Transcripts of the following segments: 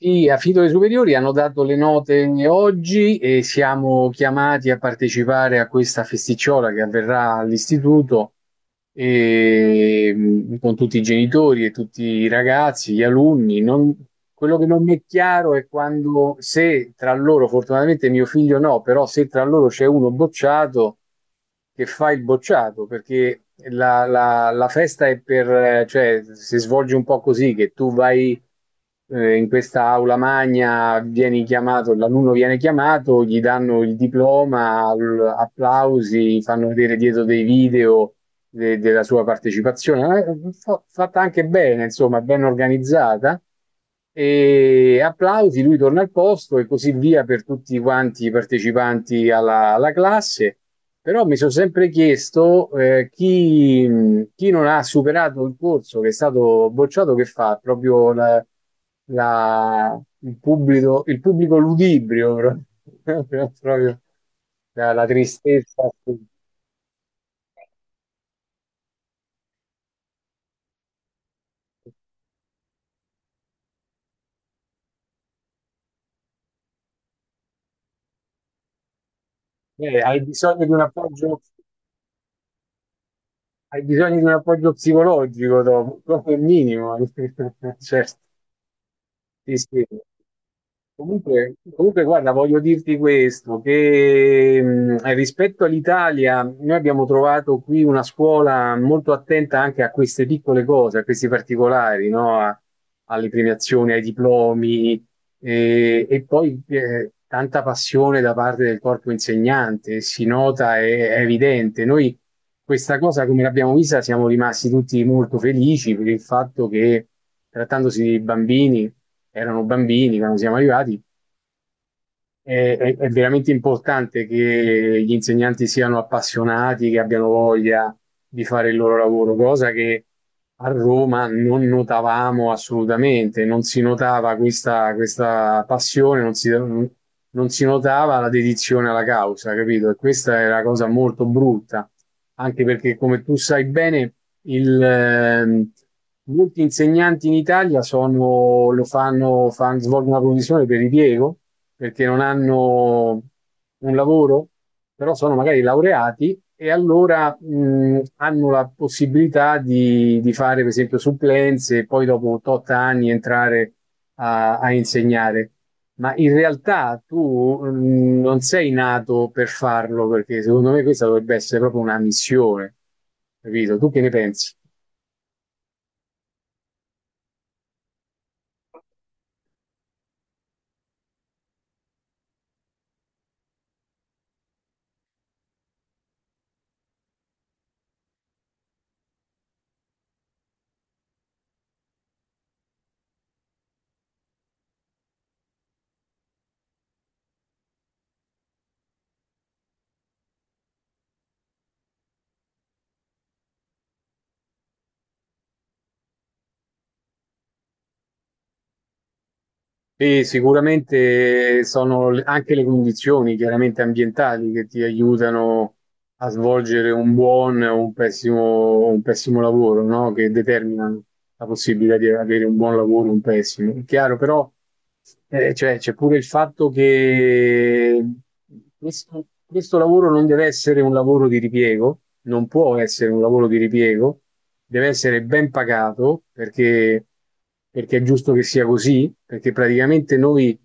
Sì, a Fido le superiori hanno dato le note oggi e siamo chiamati a partecipare a questa festicciola che avverrà all'istituto e, con tutti i genitori e tutti i ragazzi, gli alunni. Quello che non mi è chiaro è quando, se tra loro, fortunatamente mio figlio no, però se tra loro c'è uno bocciato, che fa il bocciato, perché la festa è cioè, si svolge un po' così, che tu vai in questa aula magna, vieni chiamato, l'alunno viene chiamato, gli danno il diploma, applausi, fanno vedere dietro dei video della sua partecipazione. Fatta anche bene, insomma, ben organizzata. E applausi, lui torna al posto e così via per tutti quanti i partecipanti alla classe. Però mi sono sempre chiesto chi non ha superato il corso, che è stato bocciato, che fa proprio il pubblico ludibrio, proprio la tristezza. Eh, hai bisogno di un appoggio, hai bisogno di un appoggio psicologico dopo, come minimo. Certo, sì, sì. Comunque, guarda, voglio dirti questo, che rispetto all'Italia, noi abbiamo trovato qui una scuola molto attenta anche a queste piccole cose, a questi particolari, no? Alle premiazioni, ai diplomi, e poi tanta passione da parte del corpo insegnante, si nota, è evidente. Noi questa cosa, come l'abbiamo vista, siamo rimasti tutti molto felici per il fatto che, trattandosi di bambini, erano bambini quando siamo arrivati, è veramente importante che gli insegnanti siano appassionati, che abbiano voglia di fare il loro lavoro, cosa che a Roma non notavamo assolutamente, non si notava questa passione, non si notava la dedizione alla causa, capito? E questa è una cosa molto brutta, anche perché, come tu sai bene, il, ehm, molti insegnanti in Italia sono, lo fanno, fan- svolgono una professione per ripiego, perché non hanno un lavoro, però sono magari laureati e allora hanno la possibilità di fare, per esempio, supplenze e poi dopo 8 anni entrare a insegnare. Ma in realtà tu non sei nato per farlo, perché secondo me questa dovrebbe essere proprio una missione, capito? Tu che ne pensi? E sicuramente sono anche le condizioni chiaramente ambientali che ti aiutano a svolgere un buon o un pessimo lavoro, no? Che determinano la possibilità di avere un buon lavoro o un pessimo. È chiaro, però cioè, c'è pure il fatto che questo lavoro non deve essere un lavoro di ripiego, non può essere un lavoro di ripiego, deve essere ben pagato perché è giusto che sia così, perché praticamente noi,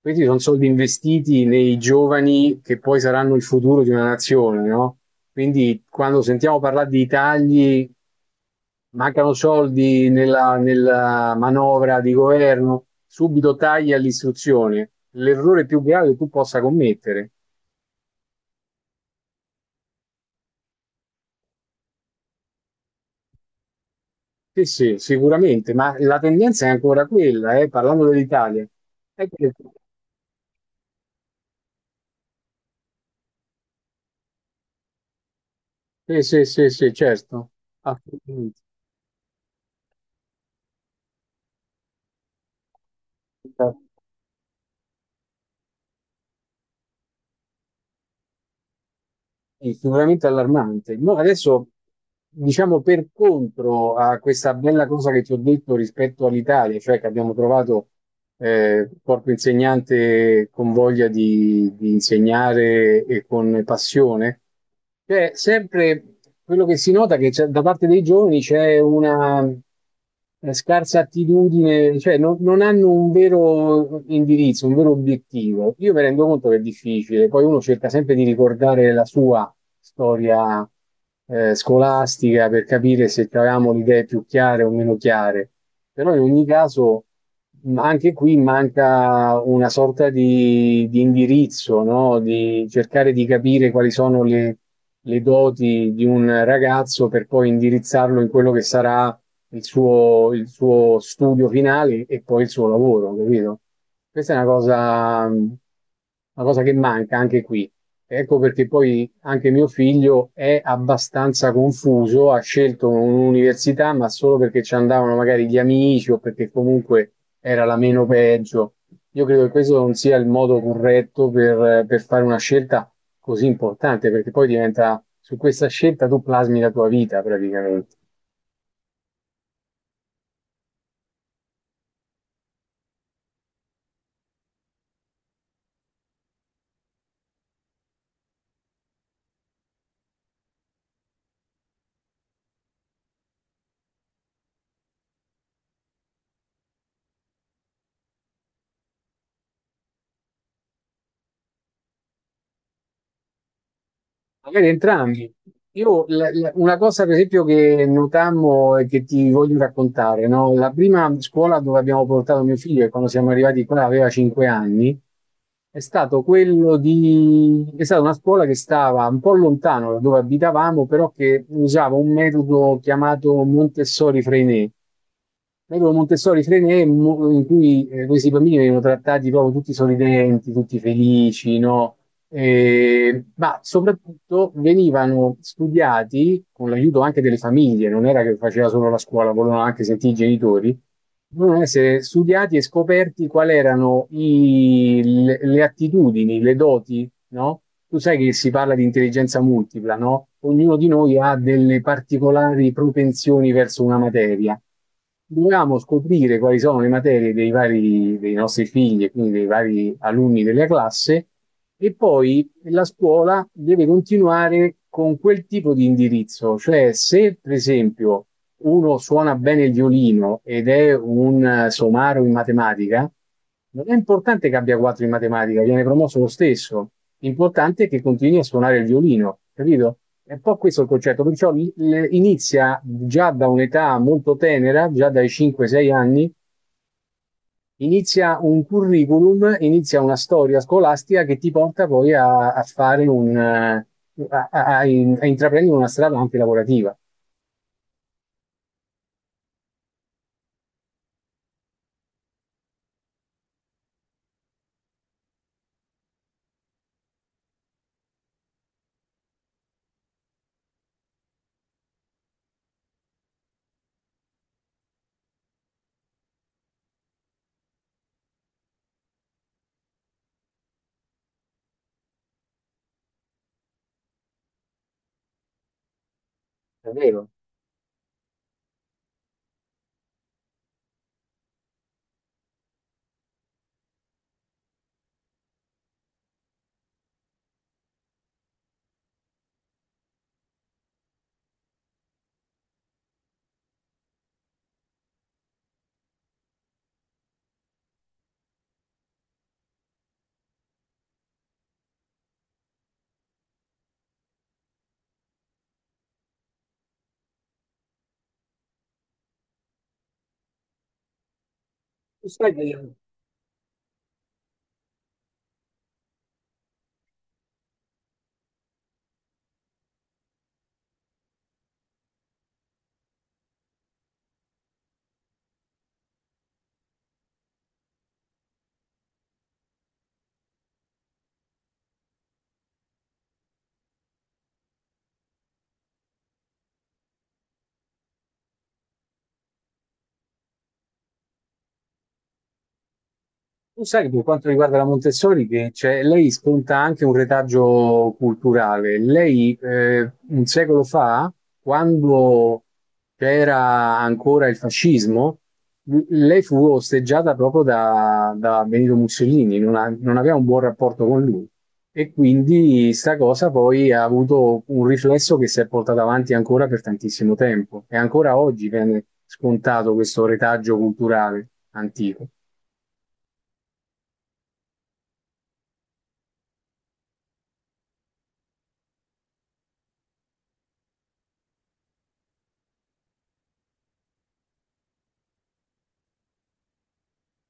questi sono soldi investiti nei giovani che poi saranno il futuro di una nazione, no? Quindi quando sentiamo parlare di tagli, mancano soldi nella manovra di governo, subito tagli all'istruzione, l'errore più grave che tu possa commettere. Sì, sì, sicuramente, ma la tendenza è ancora quella, parlando dell'Italia. Ecco, sì, sì, sì, sì, certo, assolutamente. Sì, sicuramente allarmante. No, adesso, diciamo per contro a questa bella cosa che ti ho detto rispetto all'Italia, cioè che abbiamo trovato corpo insegnante con voglia di insegnare e con passione. Cioè, sempre quello che si nota è che da parte dei giovani c'è una scarsa attitudine, cioè non hanno un vero indirizzo, un vero obiettivo. Io mi rendo conto che è difficile, poi uno cerca sempre di ricordare la sua storia scolastica per capire se avevamo le idee più chiare o meno chiare. Però in ogni caso anche qui manca una sorta di indirizzo, no? Di cercare di capire quali sono le doti di un ragazzo per poi indirizzarlo in quello che sarà il suo studio finale e poi il suo lavoro, capito? Questa è una cosa che manca anche qui. Ecco perché poi anche mio figlio è abbastanza confuso, ha scelto un'università, ma solo perché ci andavano magari gli amici o perché comunque era la meno peggio. Io credo che questo non sia il modo corretto per fare una scelta così importante, perché poi diventa, su questa scelta tu plasmi la tua vita praticamente. Magari entrambi. Io una cosa, per esempio, che notammo e che ti voglio raccontare, no? La prima scuola dove abbiamo portato mio figlio, e quando siamo arrivati qua aveva 5 anni, è stato quello di... è stata una scuola che stava un po' lontano da dove abitavamo, però che usava un metodo chiamato Montessori-Freinet. Metodo Montessori Freinet, in cui questi bambini venivano trattati proprio tutti sorridenti, tutti felici, no? Ma soprattutto venivano studiati con l'aiuto anche delle famiglie, non era che faceva solo la scuola, volevano anche sentire i genitori, dovevano essere studiati e scoperti quali erano le attitudini, le doti, no? Tu sai che si parla di intelligenza multipla, no? Ognuno di noi ha delle particolari propensioni verso una materia. Dovevamo scoprire quali sono le materie dei nostri figli e quindi dei vari alunni della classe, e poi la scuola deve continuare con quel tipo di indirizzo, cioè se per esempio uno suona bene il violino ed è un somaro in matematica, non è importante che abbia quattro in matematica, viene promosso lo stesso. L'importante è che continui a suonare il violino, capito? È un po' questo il concetto, perciò inizia già da un'età molto tenera, già dai 5-6 anni, inizia un curriculum, inizia una storia scolastica che ti porta poi a fare, un, a, a- a in- a intraprendere una strada anche lavorativa. È vero. Tu sai che Tu sai che per quanto riguarda la Montessori, cioè, lei sconta anche un retaggio culturale. Lei un secolo fa, quando c'era ancora il fascismo, lei fu osteggiata proprio da Benito Mussolini, non aveva un buon rapporto con lui. E quindi sta cosa poi ha avuto un riflesso che si è portato avanti ancora per tantissimo tempo. E ancora oggi viene scontato questo retaggio culturale antico.